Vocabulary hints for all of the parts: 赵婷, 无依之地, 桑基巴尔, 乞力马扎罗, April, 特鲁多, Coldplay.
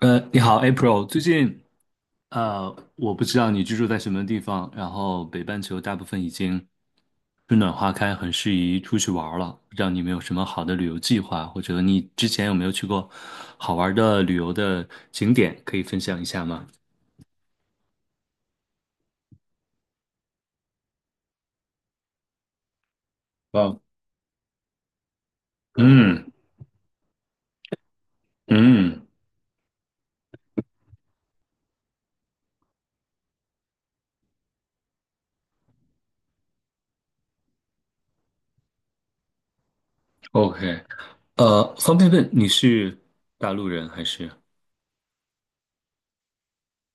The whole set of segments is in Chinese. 你好，April。最近，我不知道你居住在什么地方，然后北半球大部分已经春暖花开，很适宜出去玩儿了。不知道你们有什么好的旅游计划，或者你之前有没有去过好玩儿的旅游的景点，可以分享一下吗？哦，嗯嗯，OK。方便问你是大陆人还是？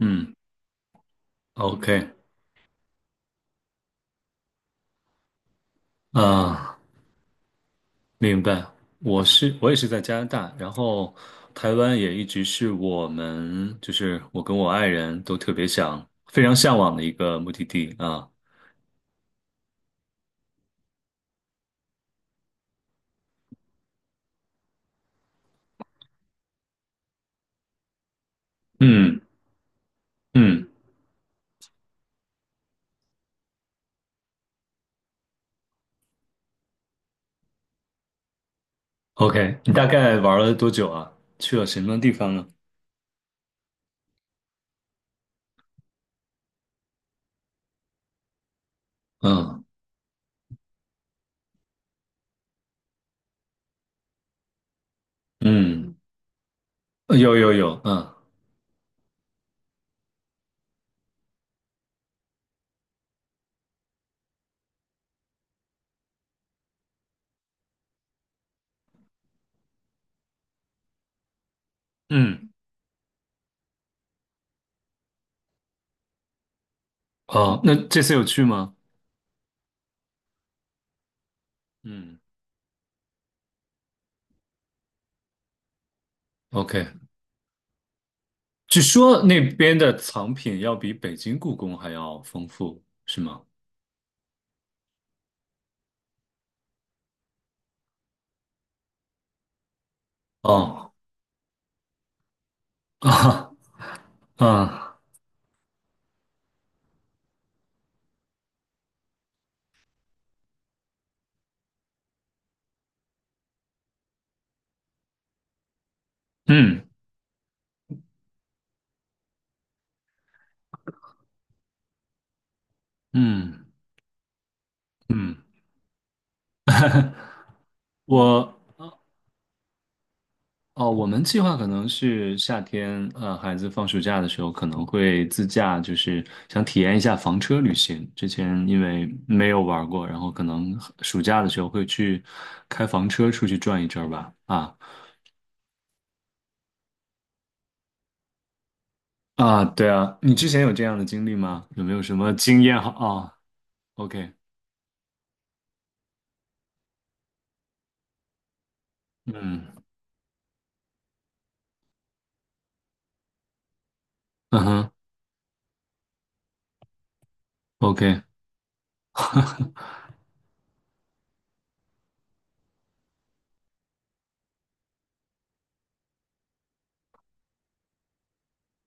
嗯，OK。啊，明白，我也是在加拿大，然后台湾也一直是我们，就是我跟我爱人都特别想、非常向往的一个目的地啊。嗯嗯，OK,你大概玩了多久啊？去了什么地方呢？嗯嗯，有有有，嗯嗯，哦，那这次有去吗？嗯，OK,据说那边的藏品要比北京故宫还要丰富，是吗？哦 啊啊嗯。嗯嗯，我哦，我们计划可能是夏天，孩子放暑假的时候可能会自驾，就是想体验一下房车旅行。之前因为没有玩过，然后可能暑假的时候会去开房车出去转一阵吧。啊啊，对啊，你之前有这样的经历吗？有没有什么经验好？啊？OK,嗯嗯哼。OK,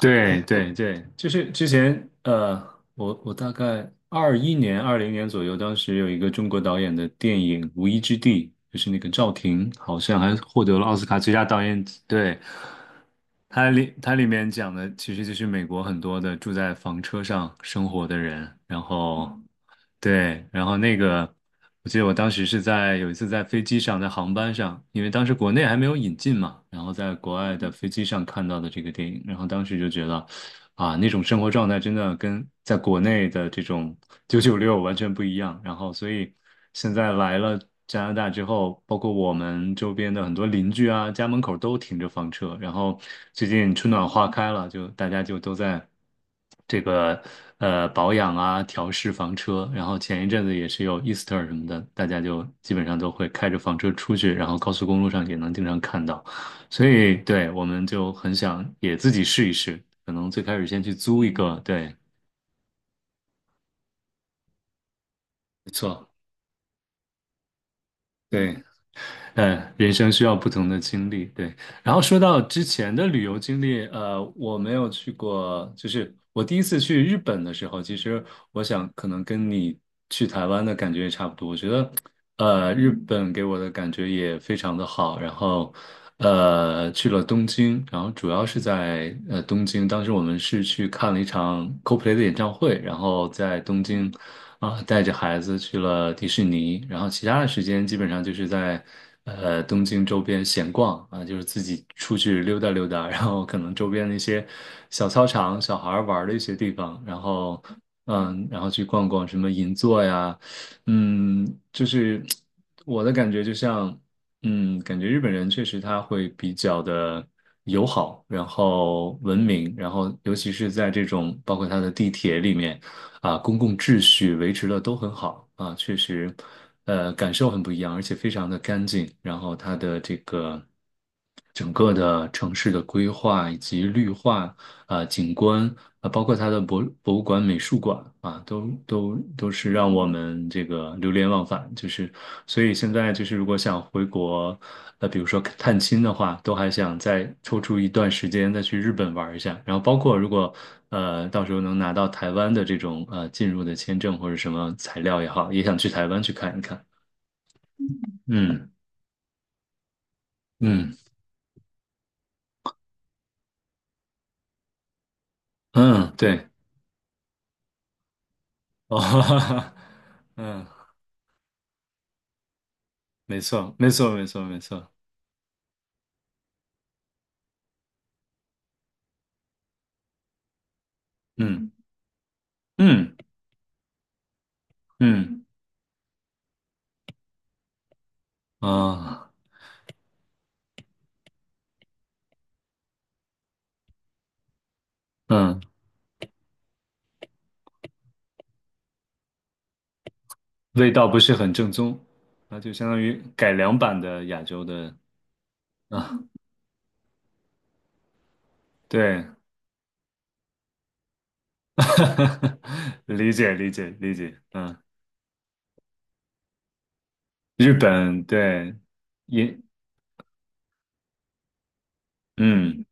对对对，就是之前我大概21年、20年左右，当时有一个中国导演的电影《无依之地》，就是那个赵婷，好像还获得了奥斯卡最佳导演。对，它里面讲的其实就是美国很多的住在房车上生活的人，然后对，然后那个我记得我当时是在有一次在飞机上，在航班上，因为当时国内还没有引进嘛，然后在国外的飞机上看到的这个电影，然后当时就觉得。啊，那种生活状态真的跟在国内的这种996完全不一样。然后，所以现在来了加拿大之后，包括我们周边的很多邻居啊，家门口都停着房车。然后最近春暖花开了，就大家就都在这个保养啊，调试房车。然后前一阵子也是有 Easter 什么的，大家就基本上都会开着房车出去，然后高速公路上也能经常看到。所以对，我们就很想也自己试一试，可能最开始先去租一个，对，没错，对，嗯，人生需要不同的经历，对。然后说到之前的旅游经历，我没有去过，就是我第一次去日本的时候，其实我想可能跟你去台湾的感觉也差不多。我觉得，日本给我的感觉也非常的好。然后，去了东京，然后主要是在东京，当时我们是去看了一场 Coldplay 的演唱会，然后在东京。啊，带着孩子去了迪士尼，然后其他的时间基本上就是在东京周边闲逛啊，就是自己出去溜达溜达，然后可能周边的一些小操场、小孩儿玩儿的一些地方，然后去逛逛什么银座呀，嗯，就是我的感觉就像，感觉日本人确实他会比较的友好，然后文明，然后尤其是在这种包括他的地铁里面。啊，公共秩序维持的都很好啊，确实，感受很不一样，而且非常的干净。然后它的这个整个的城市的规划以及绿化啊，景观啊，包括它的博物馆、美术馆啊，都是让我们这个流连忘返。就是，所以现在就是如果想回国，比如说探亲的话，都还想再抽出一段时间再去日本玩一下。然后包括如果到时候能拿到台湾的这种进入的签证或者什么材料也好，也想去台湾去看一看。嗯嗯嗯，对，哦，哈哈哈，嗯，没错，没错，没错，没错，嗯嗯嗯啊。嗯，味道不是很正宗，那就相当于改良版的亚洲的啊，对，理解理解理解，嗯，日本对，也嗯，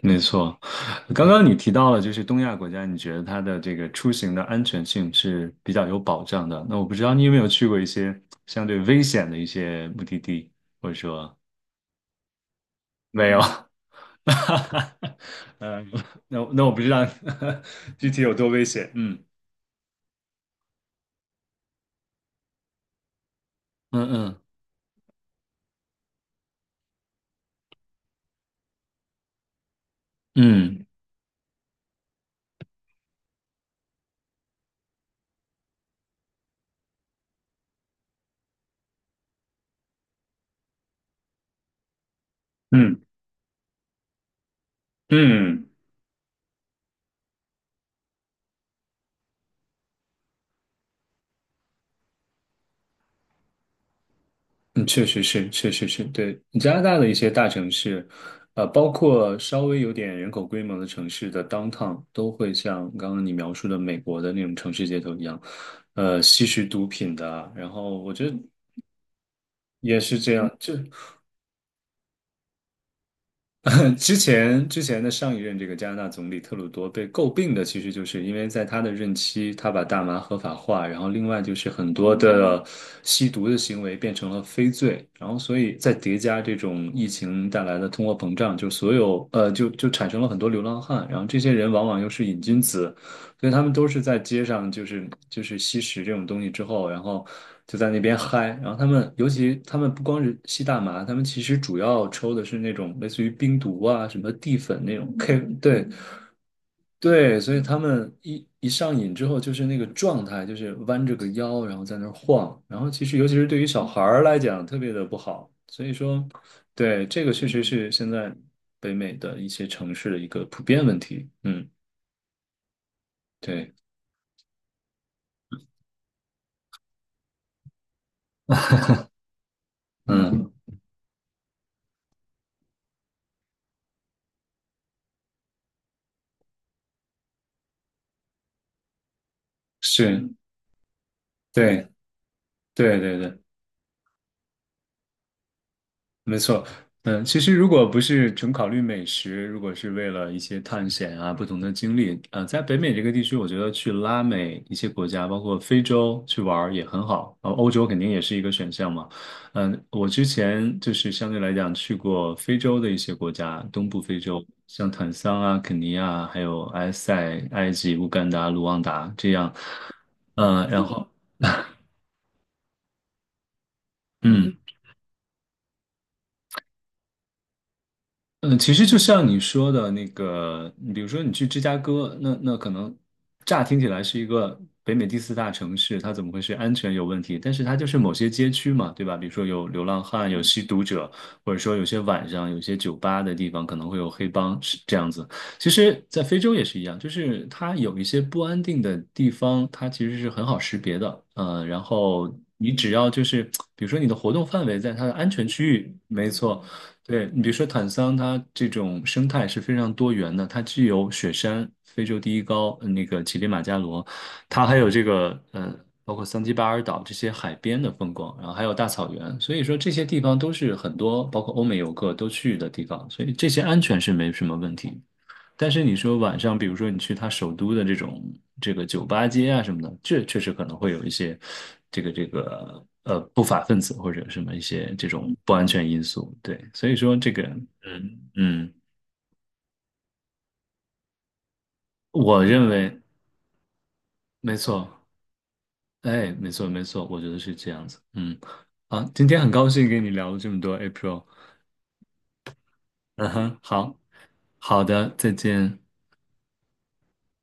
没错。刚刚你提到了，就是东亚国家，你觉得它的这个出行的安全性是比较有保障的。那我不知道你有没有去过一些相对危险的一些目的地，或者说没有？嗯，那我不知道 具体有多危险。嗯。嗯嗯嗯嗯嗯，确实是，确实是，对，加拿大的一些大城市，包括稍微有点人口规模的城市的 downtown,都会像刚刚你描述的美国的那种城市街头一样，吸食毒品的啊然后我觉得也是这样，就。之前的上一任这个加拿大总理特鲁多被诟病的，其实就是因为在他的任期，他把大麻合法化，然后另外就是很多的吸毒的行为变成了非罪，然后所以再叠加这种疫情带来的通货膨胀，就所有就产生了很多流浪汉，然后这些人往往又是瘾君子，所以他们都是在街上，就是吸食这种东西之后，然后就在那边嗨。然后他们，尤其他们不光是吸大麻，他们其实主要抽的是那种类似于冰毒啊、什么地粉那种 K。对对，所以他们一上瘾之后，就是那个状态，就是弯着个腰，然后在那儿晃。然后其实，尤其是对于小孩儿来讲，特别的不好。所以说，对，这个确实是现在北美的一些城市的一个普遍问题。嗯，对，嗯，是。对对对对，没错。嗯，其实如果不是纯考虑美食，如果是为了一些探险啊、不同的经历，在北美这个地区，我觉得去拉美一些国家，包括非洲去玩儿也很好。欧洲肯定也是一个选项嘛。嗯，我之前就是相对来讲去过非洲的一些国家，东部非洲，像坦桑啊、肯尼亚，还有埃塞、埃及、乌干达、卢旺达这样。呃，然后嗯。嗯，其实就像你说的那个，你比如说你去芝加哥，那可能乍听起来是一个北美第四大城市，它怎么会是安全有问题？但是它就是某些街区嘛，对吧？比如说有流浪汉、有吸毒者，或者说有些晚上有些酒吧的地方可能会有黑帮，是这样子。其实，在非洲也是一样，就是它有一些不安定的地方，它其实是很好识别的。然后你只要就是，比如说你的活动范围在它的安全区域，没错。对，你比如说坦桑，它这种生态是非常多元的，它既有雪山、非洲第一高，那个乞力马扎罗，它还有这个包括桑基巴尔岛这些海边的风光，然后还有大草原，所以说这些地方都是很多包括欧美游客都去的地方，所以这些安全是没什么问题。但是你说晚上，比如说你去他首都的这种这个酒吧街啊什么的，这确实可能会有一些这个不法分子或者什么一些这种不安全因素。对，所以说这个嗯嗯，我认为没错，哎，没错没错，我觉得是这样子。嗯，啊，今天很高兴跟你聊了这么多，April。嗯哼，好好的，再见。